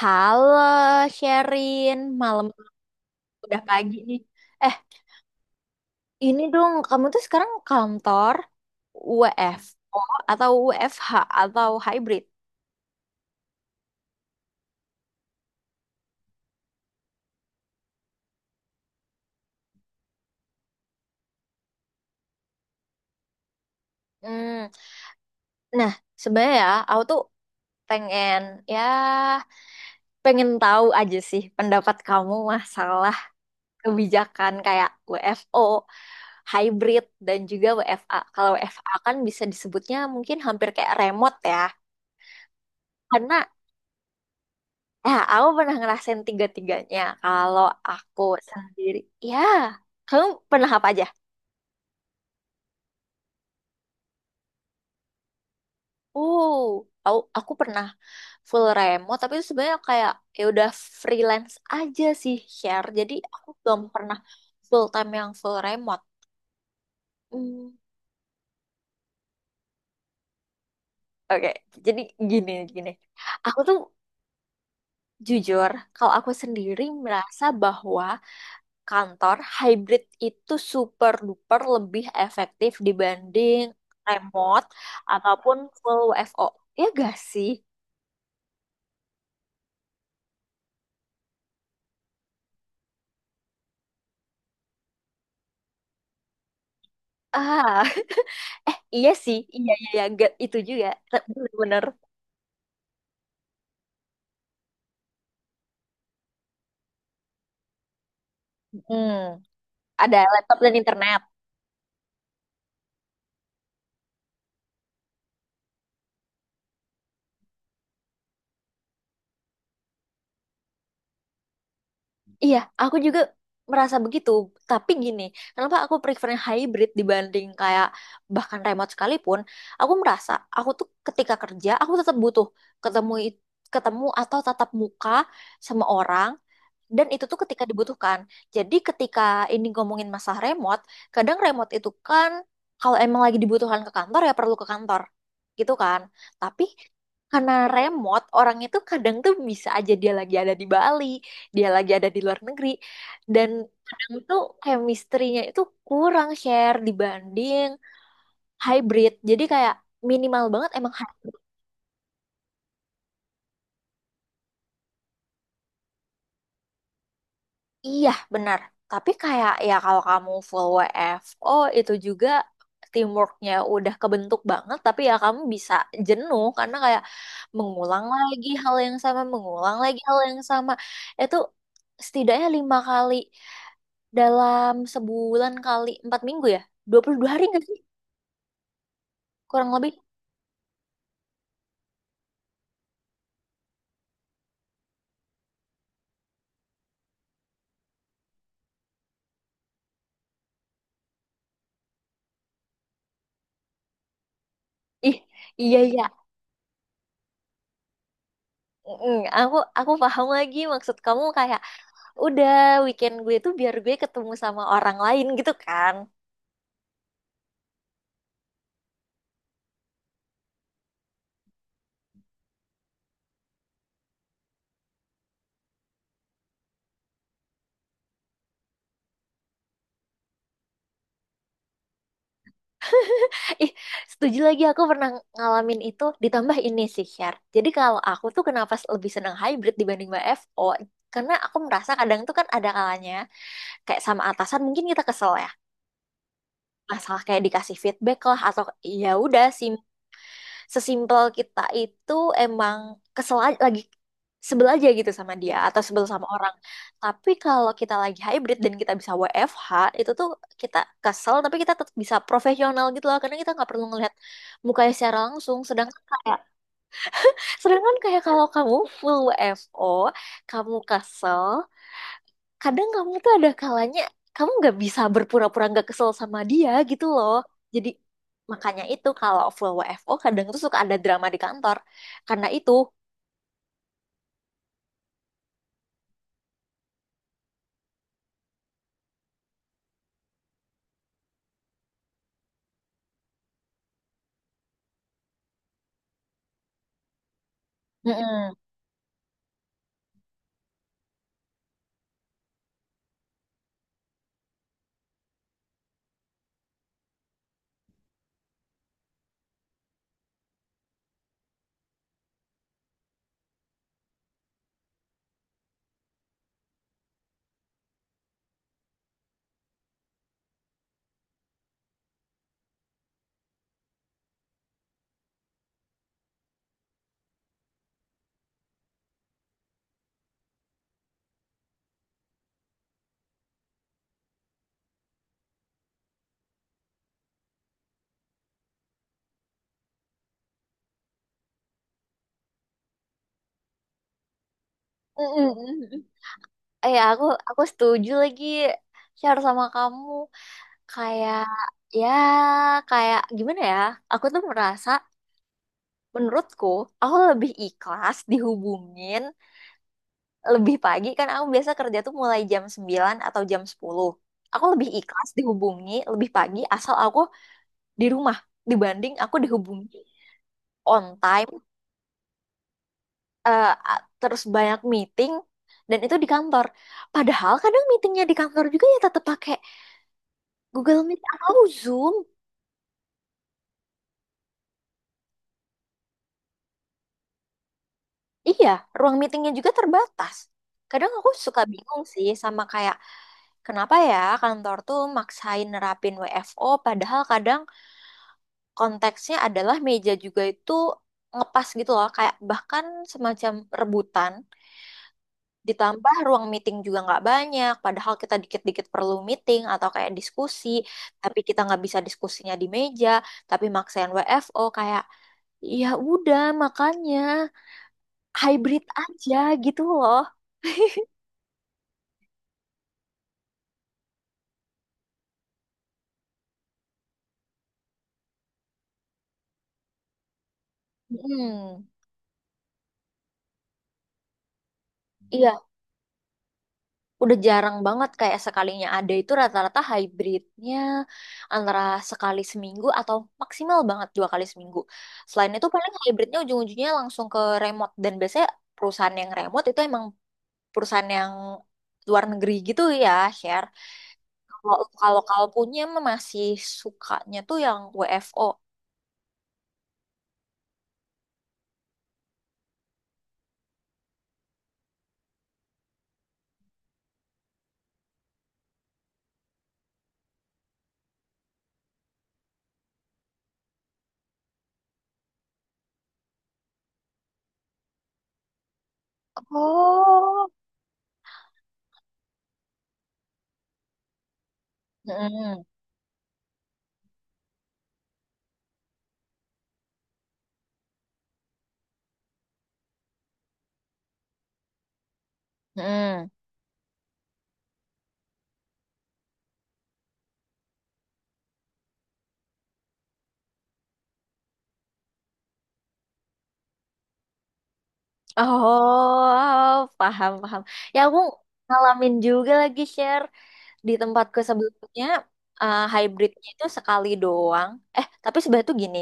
Halo, Sherin. Malam udah pagi nih. Eh, ini dong, kamu tuh sekarang kantor WFO atau WFH atau hybrid? Hmm. Nah, sebenarnya ya, aku tuh pengen ya pengen tahu aja sih pendapat kamu masalah kebijakan kayak WFO, hybrid dan juga WFA. Kalau WFA kan bisa disebutnya mungkin hampir kayak remote ya. Karena Nah, aku pernah ngerasain tiga-tiganya. Kalau aku sendiri, ya, kamu pernah apa aja? Uh, aku pernah full remote, tapi itu sebenarnya kayak ya udah freelance aja sih share. Jadi aku belum pernah full time yang full remote. Hmm. Oke, jadi gini gini. Aku tuh jujur, kalau aku sendiri merasa bahwa kantor, hybrid itu super duper lebih efektif dibanding remote ataupun full WFO. Ya gak sih? Ah, eh iya sih, iya iya, iya. Itu juga bener-bener. Hmm, ada laptop dan internet. Iya, aku juga merasa begitu. Tapi gini, kenapa aku prefernya hybrid dibanding kayak bahkan remote sekalipun? Aku merasa aku tuh ketika kerja aku tetap butuh ketemu it- ketemu atau tatap muka sama orang. Dan itu tuh ketika dibutuhkan. Jadi ketika ini ngomongin masalah remote, kadang remote itu kan kalau emang lagi dibutuhkan ke kantor ya perlu ke kantor. Gitu kan. Tapi karena remote, orang itu kadang tuh bisa aja dia lagi ada di Bali, dia lagi ada di luar negeri. Dan kadang tuh chemistry-nya itu kurang share dibanding hybrid. Jadi kayak minimal banget emang hybrid. Iya, benar. Tapi kayak ya kalau kamu full WFO itu juga teamworknya udah kebentuk banget, tapi ya kamu bisa jenuh karena kayak mengulang lagi hal yang sama, mengulang lagi hal yang sama. Itu setidaknya 5 kali dalam sebulan kali 4 minggu ya, 22 hari nggak sih? Kurang lebih. Ih, iya iya. Mm, aku paham lagi maksud kamu kayak udah weekend gue tuh biar gue ketemu sama orang lain gitu kan. Ih, setuju lagi aku pernah ngalamin itu ditambah ini sih share. Jadi kalau aku tuh kenapa lebih senang hybrid dibanding WFO? Karena aku merasa kadang tuh kan ada kalanya kayak sama atasan mungkin kita kesel ya. Masalah kayak dikasih feedback lah atau ya udah si sesimpel kita itu emang kesel aja, lagi sebel aja gitu sama dia atau sebel sama orang. Tapi kalau kita lagi hybrid dan kita bisa WFH, itu tuh kita kesel tapi kita tetap bisa profesional gitu loh karena kita nggak perlu ngelihat mukanya secara langsung. Sedangkan kayak kalau kamu full WFO, kamu kesel, kadang kamu tuh ada kalanya kamu nggak bisa berpura-pura nggak kesel sama dia gitu loh. Jadi makanya itu kalau full WFO kadang tuh suka ada drama di kantor. Karena itu, mm-mm, mm-mm. Ya aku setuju lagi share sama kamu kayak ya kayak gimana ya? Aku tuh merasa menurutku aku lebih ikhlas dihubungin lebih pagi kan aku biasa kerja tuh mulai jam 9 atau jam 10. Aku lebih ikhlas dihubungi lebih pagi asal aku di rumah dibanding aku dihubungi on time eh, terus banyak meeting dan itu di kantor. Padahal kadang meetingnya di kantor juga ya tetap pakai Google Meet atau Zoom. Iya, ruang meetingnya juga terbatas. Kadang aku suka bingung sih sama kayak kenapa ya kantor tuh maksain nerapin WFO padahal kadang konteksnya adalah meja juga itu ngepas gitu loh kayak bahkan semacam rebutan ditambah ruang meeting juga nggak banyak padahal kita dikit-dikit perlu meeting atau kayak diskusi tapi kita nggak bisa diskusinya di meja tapi maksain WFO kayak ya udah makanya hybrid aja gitu loh. Hmm, iya udah jarang banget kayak sekalinya ada itu rata-rata hybridnya antara sekali seminggu atau maksimal banget 2 kali seminggu. Selain itu paling hybridnya ujung-ujungnya langsung ke remote dan biasanya perusahaan yang remote itu emang perusahaan yang luar negeri gitu ya, share. Kalau kalau kalau punya mah masih sukanya tuh yang WFO. Oh, mm-mm. Mm-mm. Oh, paham, paham. Ya, aku ngalamin juga lagi share. Di tempatku sebelumnya hybridnya itu sekali doang. Tapi sebenarnya tuh gini,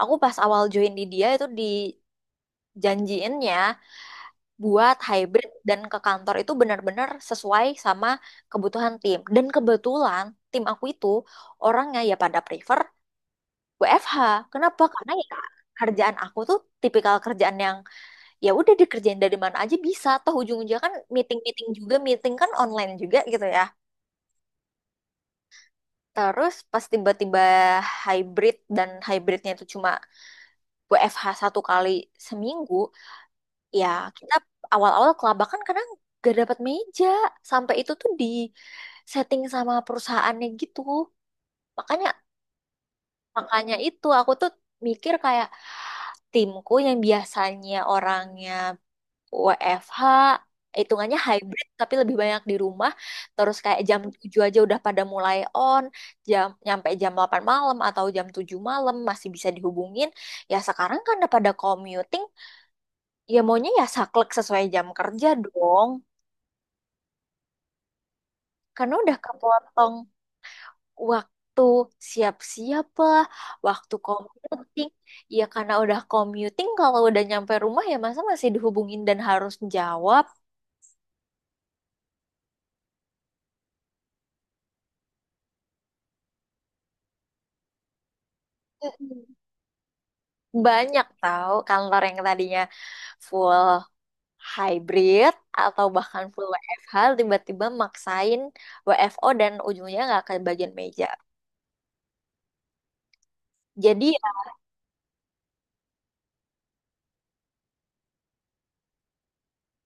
aku pas awal join di dia itu dijanjiinnya buat hybrid dan ke kantor itu benar-benar sesuai sama kebutuhan tim. Dan kebetulan tim aku itu orangnya ya pada prefer WFH. Kenapa? Karena ya kerjaan aku tuh tipikal kerjaan yang ya udah dikerjain dari mana aja bisa. Toh ujung-ujungnya kan meeting-meeting juga, meeting kan online juga gitu ya. Terus pas tiba-tiba hybrid dan hybridnya itu cuma WFH 1 kali seminggu, ya kita awal-awal kelabakan karena gak dapat meja. Sampai itu tuh di setting sama perusahaannya gitu. Makanya makanya itu aku tuh mikir kayak timku yang biasanya orangnya WFH hitungannya hybrid tapi lebih banyak di rumah terus kayak jam 7 aja udah pada mulai on jam nyampe jam 8 malam atau jam 7 malam masih bisa dihubungin ya sekarang kan udah pada commuting ya maunya ya saklek sesuai jam kerja dong karena udah kepotong waktu siap-siap lah waktu commuting ya karena udah commuting kalau udah nyampe rumah ya masa masih dihubungin dan harus jawab. Banyak tahu kantor yang tadinya full hybrid atau bahkan full WFH tiba-tiba maksain WFO dan ujungnya nggak ke bagian meja. Jadi ya,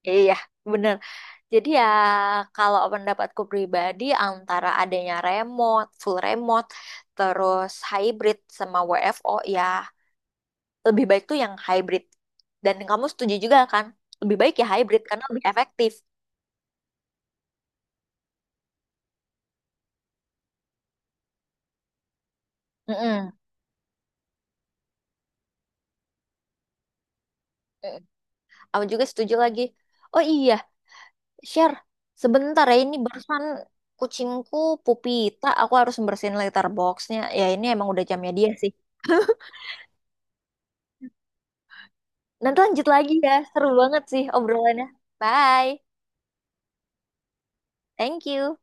iya iya, bener. Jadi ya kalau pendapatku pribadi antara adanya remote, full remote, terus hybrid sama WFO ya lebih baik tuh yang hybrid. Dan kamu setuju juga kan? Lebih baik ya hybrid karena lebih efektif. Mm-mm. Mm-mm. Aku juga setuju lagi. Oh iya, Share, sebentar ya ini barusan kucingku Pupita, aku harus bersihin letterboxnya. Ya ini emang udah jamnya dia sih. Nanti lanjut lagi ya, seru banget sih obrolannya. Bye, thank you.